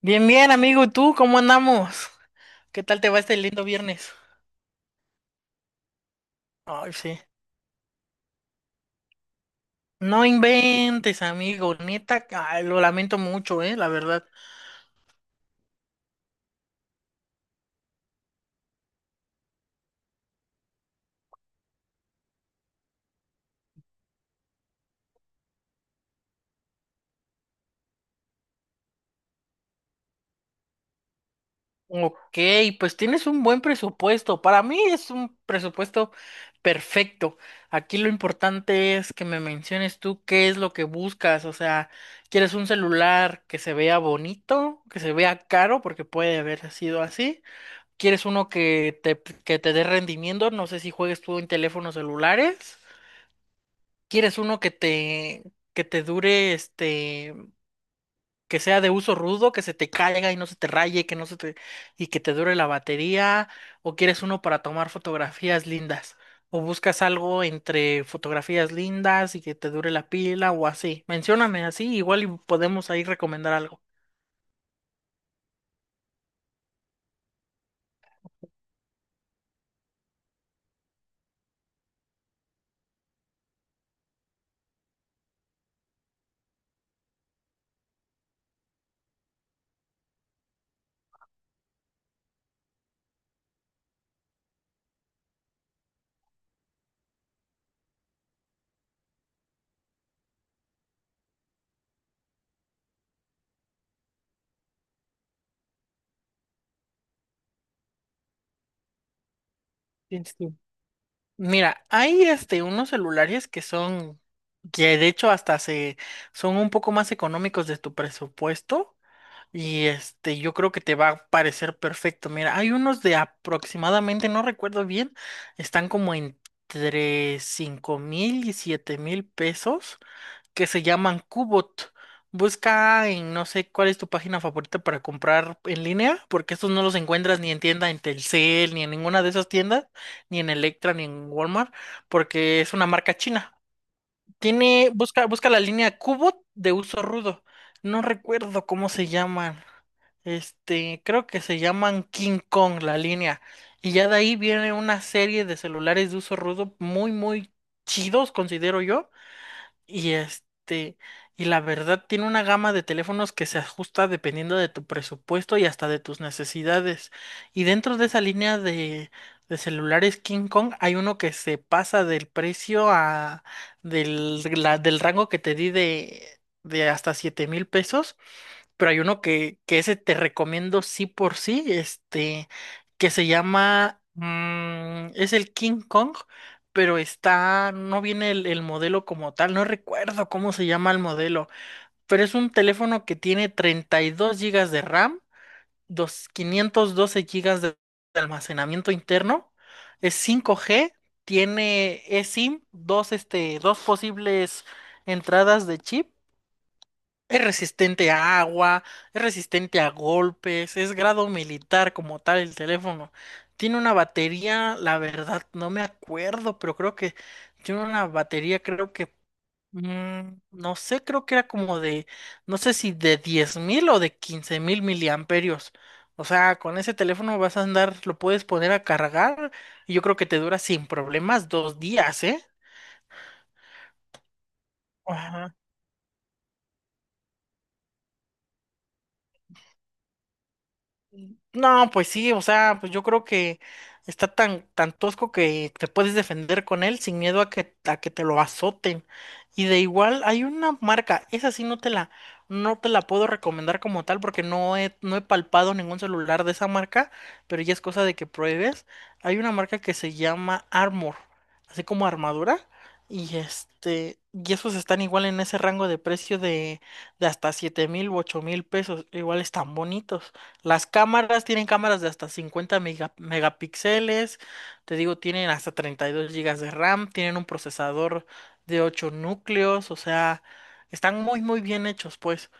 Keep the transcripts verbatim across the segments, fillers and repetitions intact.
Bien, bien, amigo, ¿y tú cómo andamos? ¿Qué tal te va este lindo viernes? Ay, sí. No inventes, amigo, neta, ay, lo lamento mucho, eh, la verdad. Ok, pues tienes un buen presupuesto. Para mí es un presupuesto perfecto. Aquí lo importante es que me menciones tú qué es lo que buscas. O sea, ¿quieres un celular que se vea bonito, que se vea caro, porque puede haber sido así? ¿Quieres uno que te, que te dé rendimiento? No sé si juegues tú en teléfonos celulares. ¿Quieres uno que te, que te dure, este, que sea de uso rudo, que se te caiga y no se te raye, que no se te, y que te dure la batería? ¿O quieres uno para tomar fotografías lindas? ¿O buscas algo entre fotografías lindas y que te dure la pila o así? Mencióname así, igual y podemos ahí recomendar algo. Tienes que- Mira, hay este unos celulares que son, que de hecho hasta se son un poco más económicos de tu presupuesto y este yo creo que te va a parecer perfecto. Mira, hay unos de aproximadamente, no recuerdo bien, están como entre cinco mil y siete mil pesos que se llaman Qbot. Busca en no sé cuál es tu página favorita para comprar en línea, porque estos no los encuentras ni en tienda en Telcel, ni en ninguna de esas tiendas, ni en Electra, ni en Walmart, porque es una marca china. Tiene, busca, busca la línea Qbot de uso rudo. No recuerdo cómo se llaman. Este, creo que se llaman King Kong la línea. Y ya de ahí viene una serie de celulares de uso rudo muy, muy chidos, considero yo, y este, y la verdad tiene una gama de teléfonos que se ajusta dependiendo de tu presupuesto y hasta de tus necesidades. Y dentro de esa línea de, de celulares King Kong hay uno que se pasa del precio a del, la- del rango que te di de, de hasta siete mil pesos, pero hay uno que, que ese te recomiendo sí por sí, este, que se llama, mm, es el King Kong, pero está, no viene el, el modelo como tal, no recuerdo cómo se llama el modelo, pero es un teléfono que tiene treinta y dos gigas de RAM, dos- quinientos doce gigabytes de de almacenamiento interno, es cinco G, tiene eSIM, dos, este, dos posibles entradas de chip, es resistente a agua, es resistente a golpes, es grado militar como tal el teléfono. Tiene una batería, la verdad, no me acuerdo, pero creo que tiene una batería, creo que, mm, no sé, creo que era como de, no sé si de diez mil o de quince mil miliamperios. O sea, con ese teléfono vas a andar, lo puedes poner a cargar y yo creo que te dura sin problemas dos días, ¿eh? Ajá. No, pues sí, o sea, pues yo creo que está tan, tan tosco que te puedes defender con él sin miedo a que, a que te lo azoten. Y de igual hay una marca, esa sí no te la, no te la puedo recomendar como tal porque no he, no he palpado ningún celular de esa marca, pero ya es cosa de que pruebes. Hay una marca que se llama Armor, así como armadura, y este, y esos están igual en ese rango de precio de, de hasta siete mil u ocho mil pesos, igual están bonitos. Las cámaras tienen cámaras de hasta cincuenta mega- megapíxeles, te digo, tienen hasta treinta y dos gigas de RAM, tienen un procesador de ocho núcleos, o sea, están muy muy bien hechos, pues.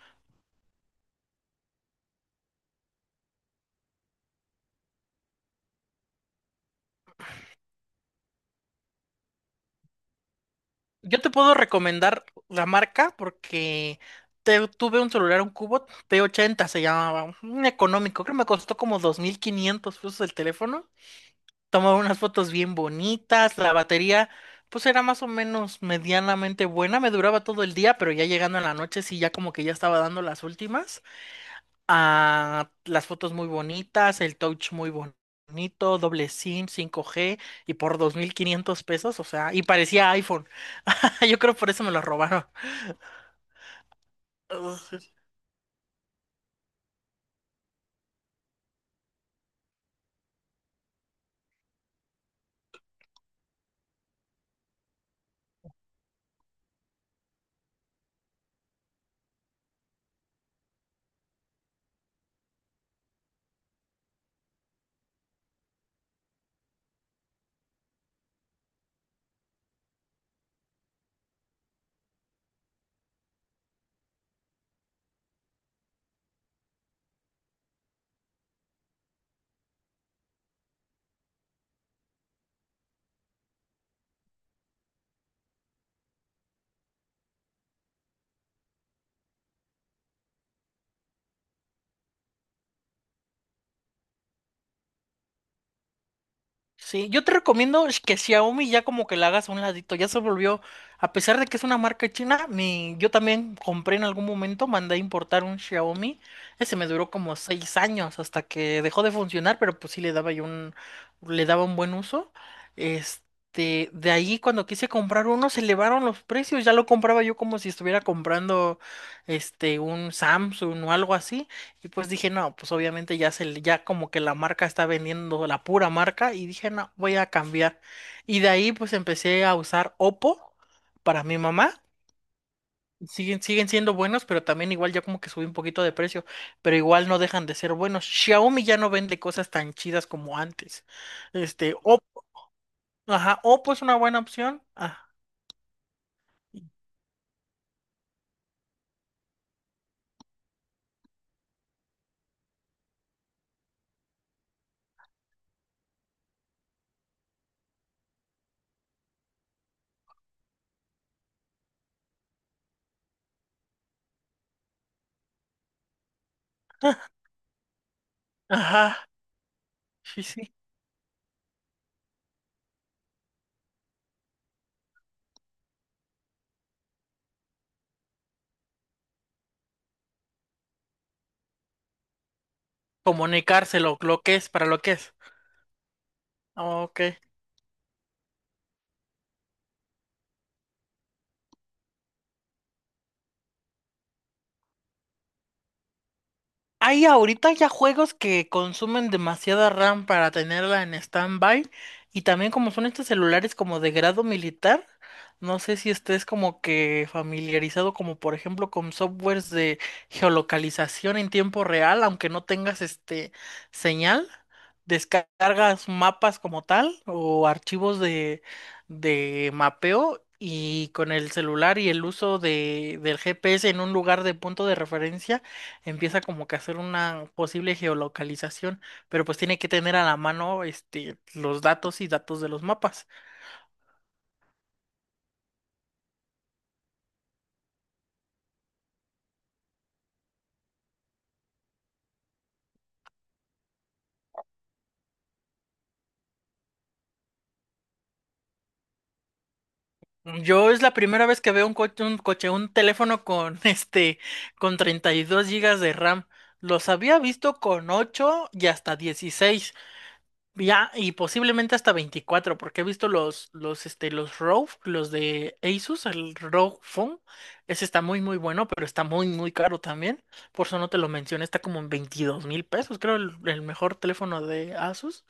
Yo te puedo recomendar la marca porque te- tuve un celular, un Cubot P ochenta se llamaba, un económico, creo que me costó como dos mil quinientos pesos el teléfono. Tomaba unas fotos bien bonitas, la batería pues era más o menos medianamente buena, me duraba todo el día, pero ya llegando en la noche sí ya como que ya estaba dando las últimas. Ah, las fotos muy bonitas, el touch muy bonito, doble SIM, cinco G y por dos mil quinientos pesos, o sea, y parecía iPhone. Yo creo por eso me lo robaron. Sí, yo te recomiendo sh- que Xiaomi ya como que la hagas a un ladito, ya se volvió, a pesar de que es una marca china, mi, yo también compré en algún momento, mandé a importar un Xiaomi, ese me duró como seis años hasta que dejó de funcionar, pero pues sí le daba yo un, le daba un buen uso. Este, de ahí cuando quise comprar uno se elevaron los precios, ya lo compraba yo como si estuviera comprando este un Samsung o algo así, y pues dije, no, pues obviamente ya se, le- ya como que la marca está vendiendo la pura marca y dije, no, voy a cambiar. Y de ahí pues empecé a usar Oppo para mi mamá. Siguen, siguen siendo buenos, pero también igual ya como que subí un poquito de precio, pero igual no dejan de ser buenos. Xiaomi ya no vende cosas tan chidas como antes. Este, Oppo, ajá, Oppo es una buena opción. Ah, ajá, sí, sí. Comunicárselo, lo que es, para lo que es. Ok. Hay ahorita ya juegos que consumen demasiada RAM para tenerla en stand-by, y también como son estos celulares como de grado militar, no sé si estés como que familiarizado como por ejemplo con softwares de geolocalización en tiempo real, aunque no tengas este señal, descargas mapas como tal o archivos de, de mapeo. Y con el celular y el uso de, del G P S en un lugar de punto de referencia empieza como que a hacer una posible geolocalización, pero pues tiene que tener a la mano este los datos y datos de los mapas. Yo es la primera vez que veo un coche, un coche, un teléfono con este con treinta y dos gigas de RAM. Los había visto con ocho y hasta dieciséis. Ya, y posiblemente hasta veinticuatro, porque he visto los, los, este, los ROG, los de Asus, el ROG Phone. Ese está muy, muy bueno, pero está muy, muy caro también. Por eso no te lo mencioné, está como en veintidós mil pesos, creo, el, el mejor teléfono de Asus.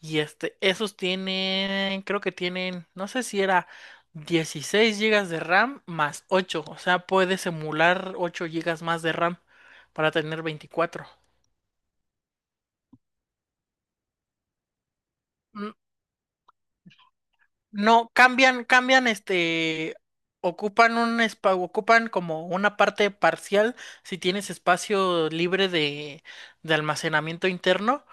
Y este, esos tienen, creo que tienen, no sé si era dieciséis gigas de RAM más ocho, o sea, puedes emular ocho gigas más de RAM para tener veinticuatro. No, cambian, cambian, este, ocupan un espa- ocupan como una parte parcial si tienes espacio libre de, de almacenamiento interno,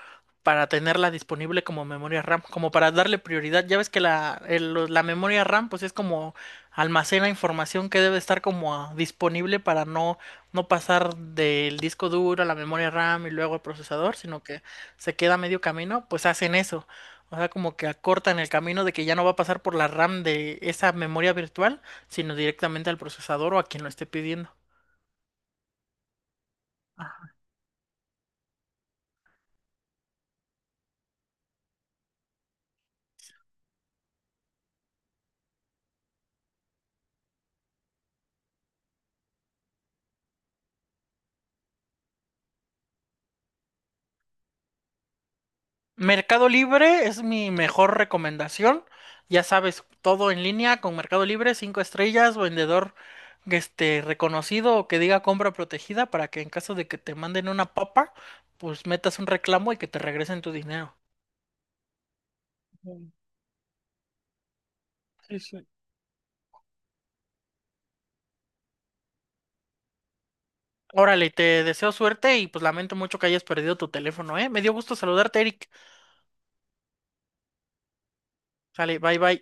para tenerla disponible como memoria RAM, como para darle prioridad. Ya ves que la, el- lo- la memoria RAM pues es como, almacena información que debe estar como ah, disponible para no, no pasar del disco duro a la memoria RAM y luego al procesador, sino que se queda a medio camino, pues hacen eso. O sea, como que acortan el camino de que ya no va a pasar por la RAM de esa memoria virtual, sino directamente al procesador o a quien lo esté pidiendo. Mercado Libre es mi mejor recomendación. Ya sabes, todo en línea con Mercado Libre, cinco estrellas, vendedor este reconocido o que diga compra protegida, para que en caso de que te manden una papa, pues metas un reclamo y que te regresen tu dinero. Ujú, sí, sí. Órale, te deseo suerte y pues lamento mucho que hayas perdido tu teléfono, ¿eh? Me dio gusto saludarte, Eric. Sale, bye bye.